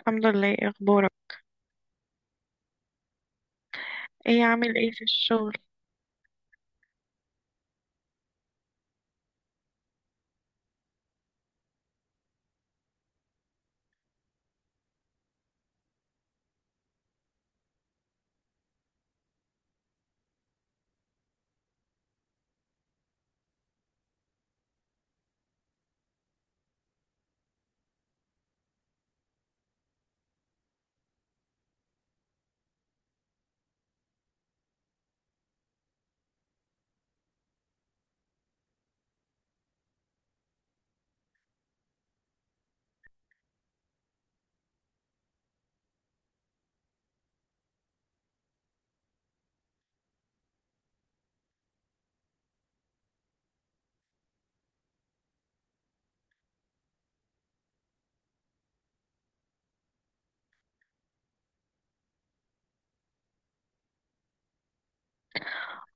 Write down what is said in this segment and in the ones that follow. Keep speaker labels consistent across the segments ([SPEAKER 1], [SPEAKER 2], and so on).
[SPEAKER 1] الحمد لله. إيه اخبارك؟ ايه عامل ايه في الشغل؟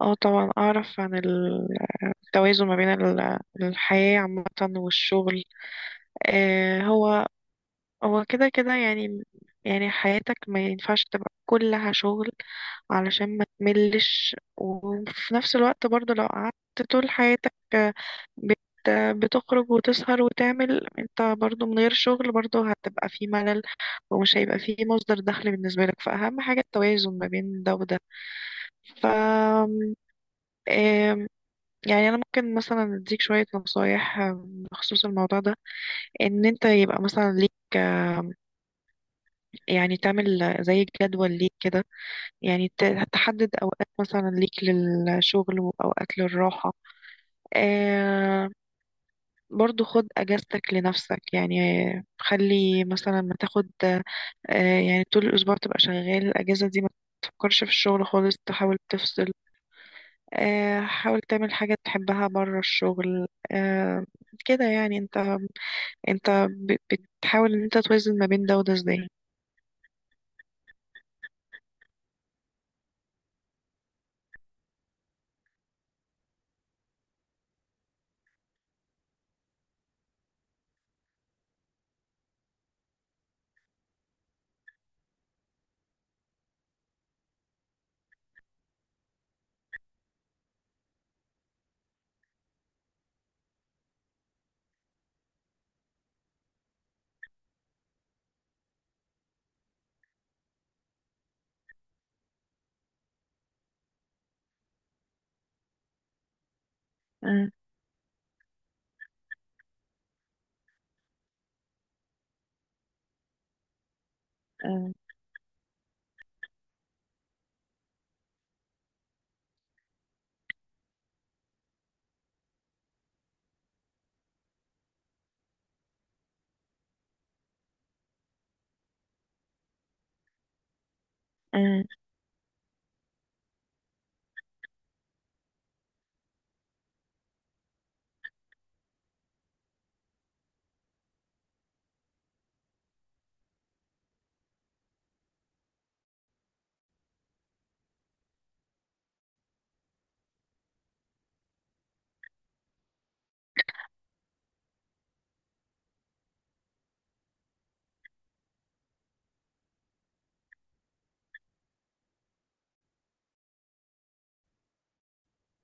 [SPEAKER 1] اه طبعا اعرف عن التوازن ما بين الحياة عامة والشغل. آه هو هو كده كده يعني. يعني حياتك ما ينفعش تبقى كلها شغل علشان ما تملش، وفي نفس الوقت برضه لو قعدت طول حياتك بت بتخرج وتسهر وتعمل انت برضه من غير شغل، برضه هتبقى في ملل ومش هيبقى في مصدر دخل بالنسبة لك. فأهم حاجة التوازن ما بين ده وده. ف آم، يعني انا ممكن مثلا اديك شويه نصايح بخصوص الموضوع ده، ان انت يبقى مثلا ليك، يعني تعمل زي جدول ليك كده. يعني تحدد اوقات مثلا ليك للشغل واوقات للراحه. آم، برضو خد اجازتك لنفسك يعني. خلي مثلا ما تاخد يعني طول الأسبوع تبقى شغال، الأجازة دي ما تفكرش في الشغل خالص، تحاول تفصل. حاول تعمل حاجة تحبها بره الشغل. آه، كده يعني. انت بتحاول ان انت توازن ما بين ده وده ازاي؟ مم، مم، مم.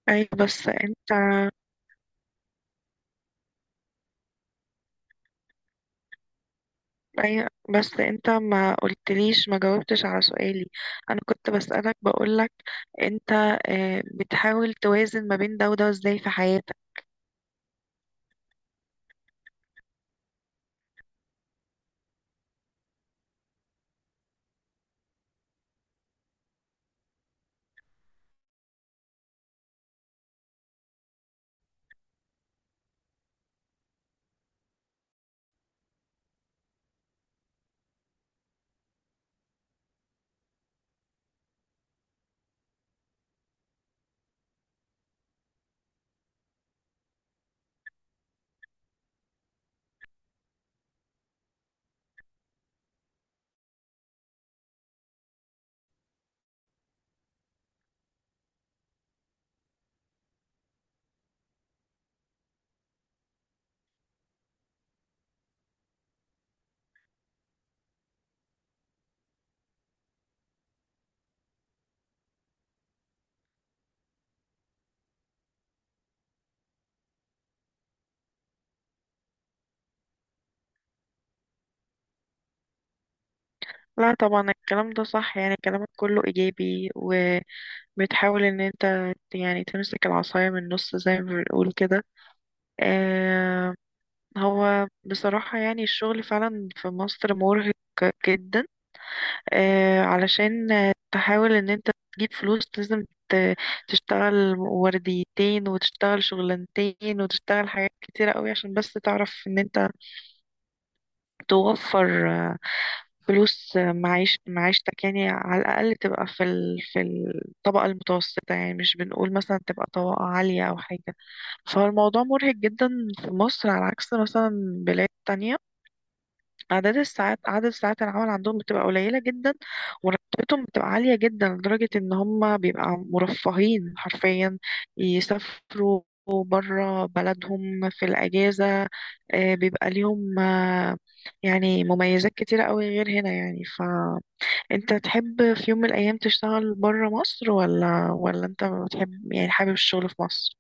[SPEAKER 1] ايوه بس انت، ايوه بس انت ما قلتليش، ما جاوبتش على سؤالي. انا كنت بسألك، بقولك انت، بتحاول توازن ما بين ده وده ازاي في حياتك؟ لا طبعا الكلام ده صح. يعني كلامك كله ايجابي، وبتحاول ان انت يعني تمسك العصاية من النص زي ما بنقول كده. آه، هو بصراحة يعني الشغل فعلا في مصر مرهق جدا. علشان تحاول ان انت تجيب فلوس لازم تشتغل ورديتين، وتشتغل شغلانتين، وتشتغل حاجات كتيرة قوي، عشان بس تعرف ان انت توفر فلوس، معيش معيشتك يعني. على الأقل تبقى في في الطبقة المتوسطة. يعني مش بنقول مثلا تبقى طبقة عالية أو حاجة. فالموضوع مرهق جدا في مصر، على عكس مثلا بلاد تانية. عدد الساعات، عدد ساعات العمل عندهم بتبقى قليلة جدا، وراتبتهم بتبقى عالية جدا لدرجة ان هم بيبقى مرفهين حرفيا. يسافروا برا بلدهم في الأجازة. بيبقى ليهم يعني مميزات كتيرة قوي غير هنا يعني. فأنت تحب في يوم من الأيام تشتغل برا مصر، ولا أنت بتحب يعني، حابب الشغل في مصر؟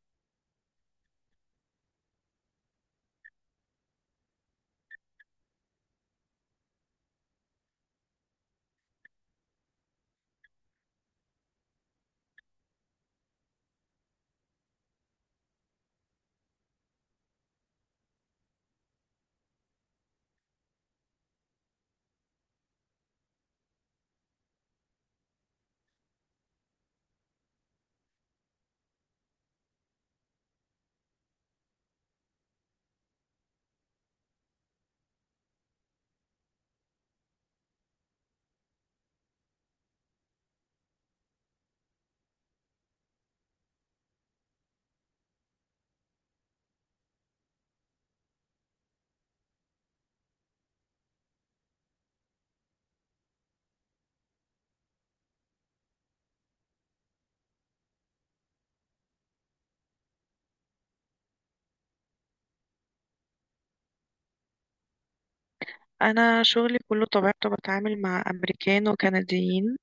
[SPEAKER 1] أنا شغلي كله طبيعته بتعامل مع أمريكان وكنديين.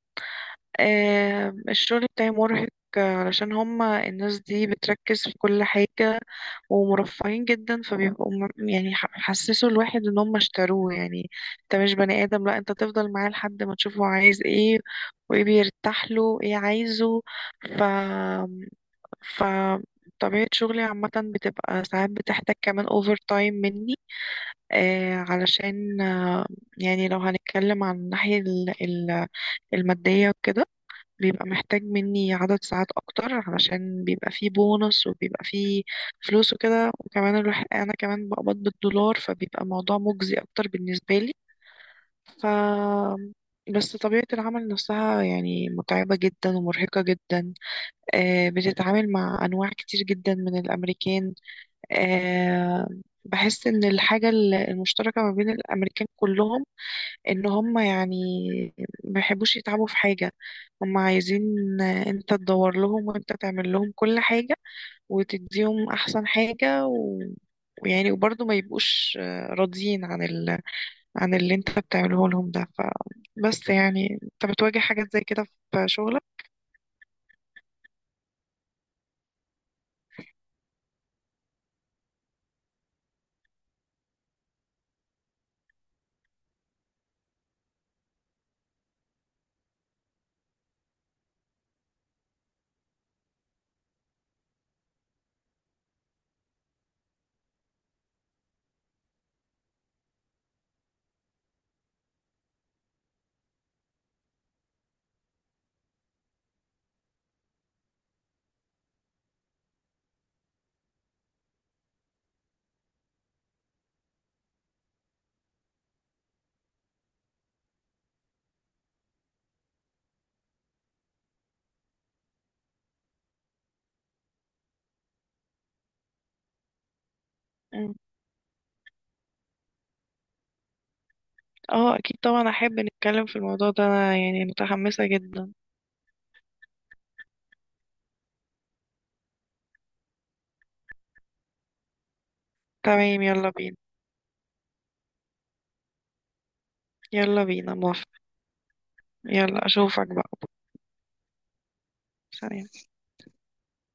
[SPEAKER 1] الشغل بتاعي مرهق علشان هما الناس دي بتركز في كل حاجة ومرفهين جدا. فبيبقوا يعني حسسوا الواحد ان هم اشتروه يعني. انت مش بني ادم، لا انت تفضل معاه لحد ما تشوفه عايز ايه، وايه بيرتاح له، وايه عايزه. ف ف طبيعة شغلي عامة بتبقى ساعات بتحتاج كمان اوفر تايم مني. آه علشان آه، يعني لو هنتكلم عن الناحية المادية وكده، بيبقى محتاج مني عدد ساعات اكتر، علشان بيبقى فيه بونص وبيبقى فيه فلوس وكده. وكمان الواحد، انا كمان بقبض بالدولار، فبيبقى الموضوع مجزي اكتر بالنسبة لي. ف بس طبيعة العمل نفسها يعني متعبة جدا ومرهقة جدا. آه بتتعامل مع أنواع كتير جدا من الأمريكان. آه بحس إن الحاجة المشتركة ما بين الأمريكان كلهم ان هم يعني ما يحبوش يتعبوا في حاجة. هم عايزين انت تدور لهم، وانت تعمل لهم كل حاجة، وتديهم احسن حاجة، و... ويعني وبرضه ما يبقوش راضيين عن ال... عن اللي انت بتعمله لهم ده. ف... بس يعني انت بتواجه حاجات زي كده في شغلك؟ مم. اه اكيد طبعا احب نتكلم في الموضوع ده. أنا يعني متحمسة جدا. تمام، يلا بينا. يلا بينا، موافقة. يلا اشوفك بقى. سلام.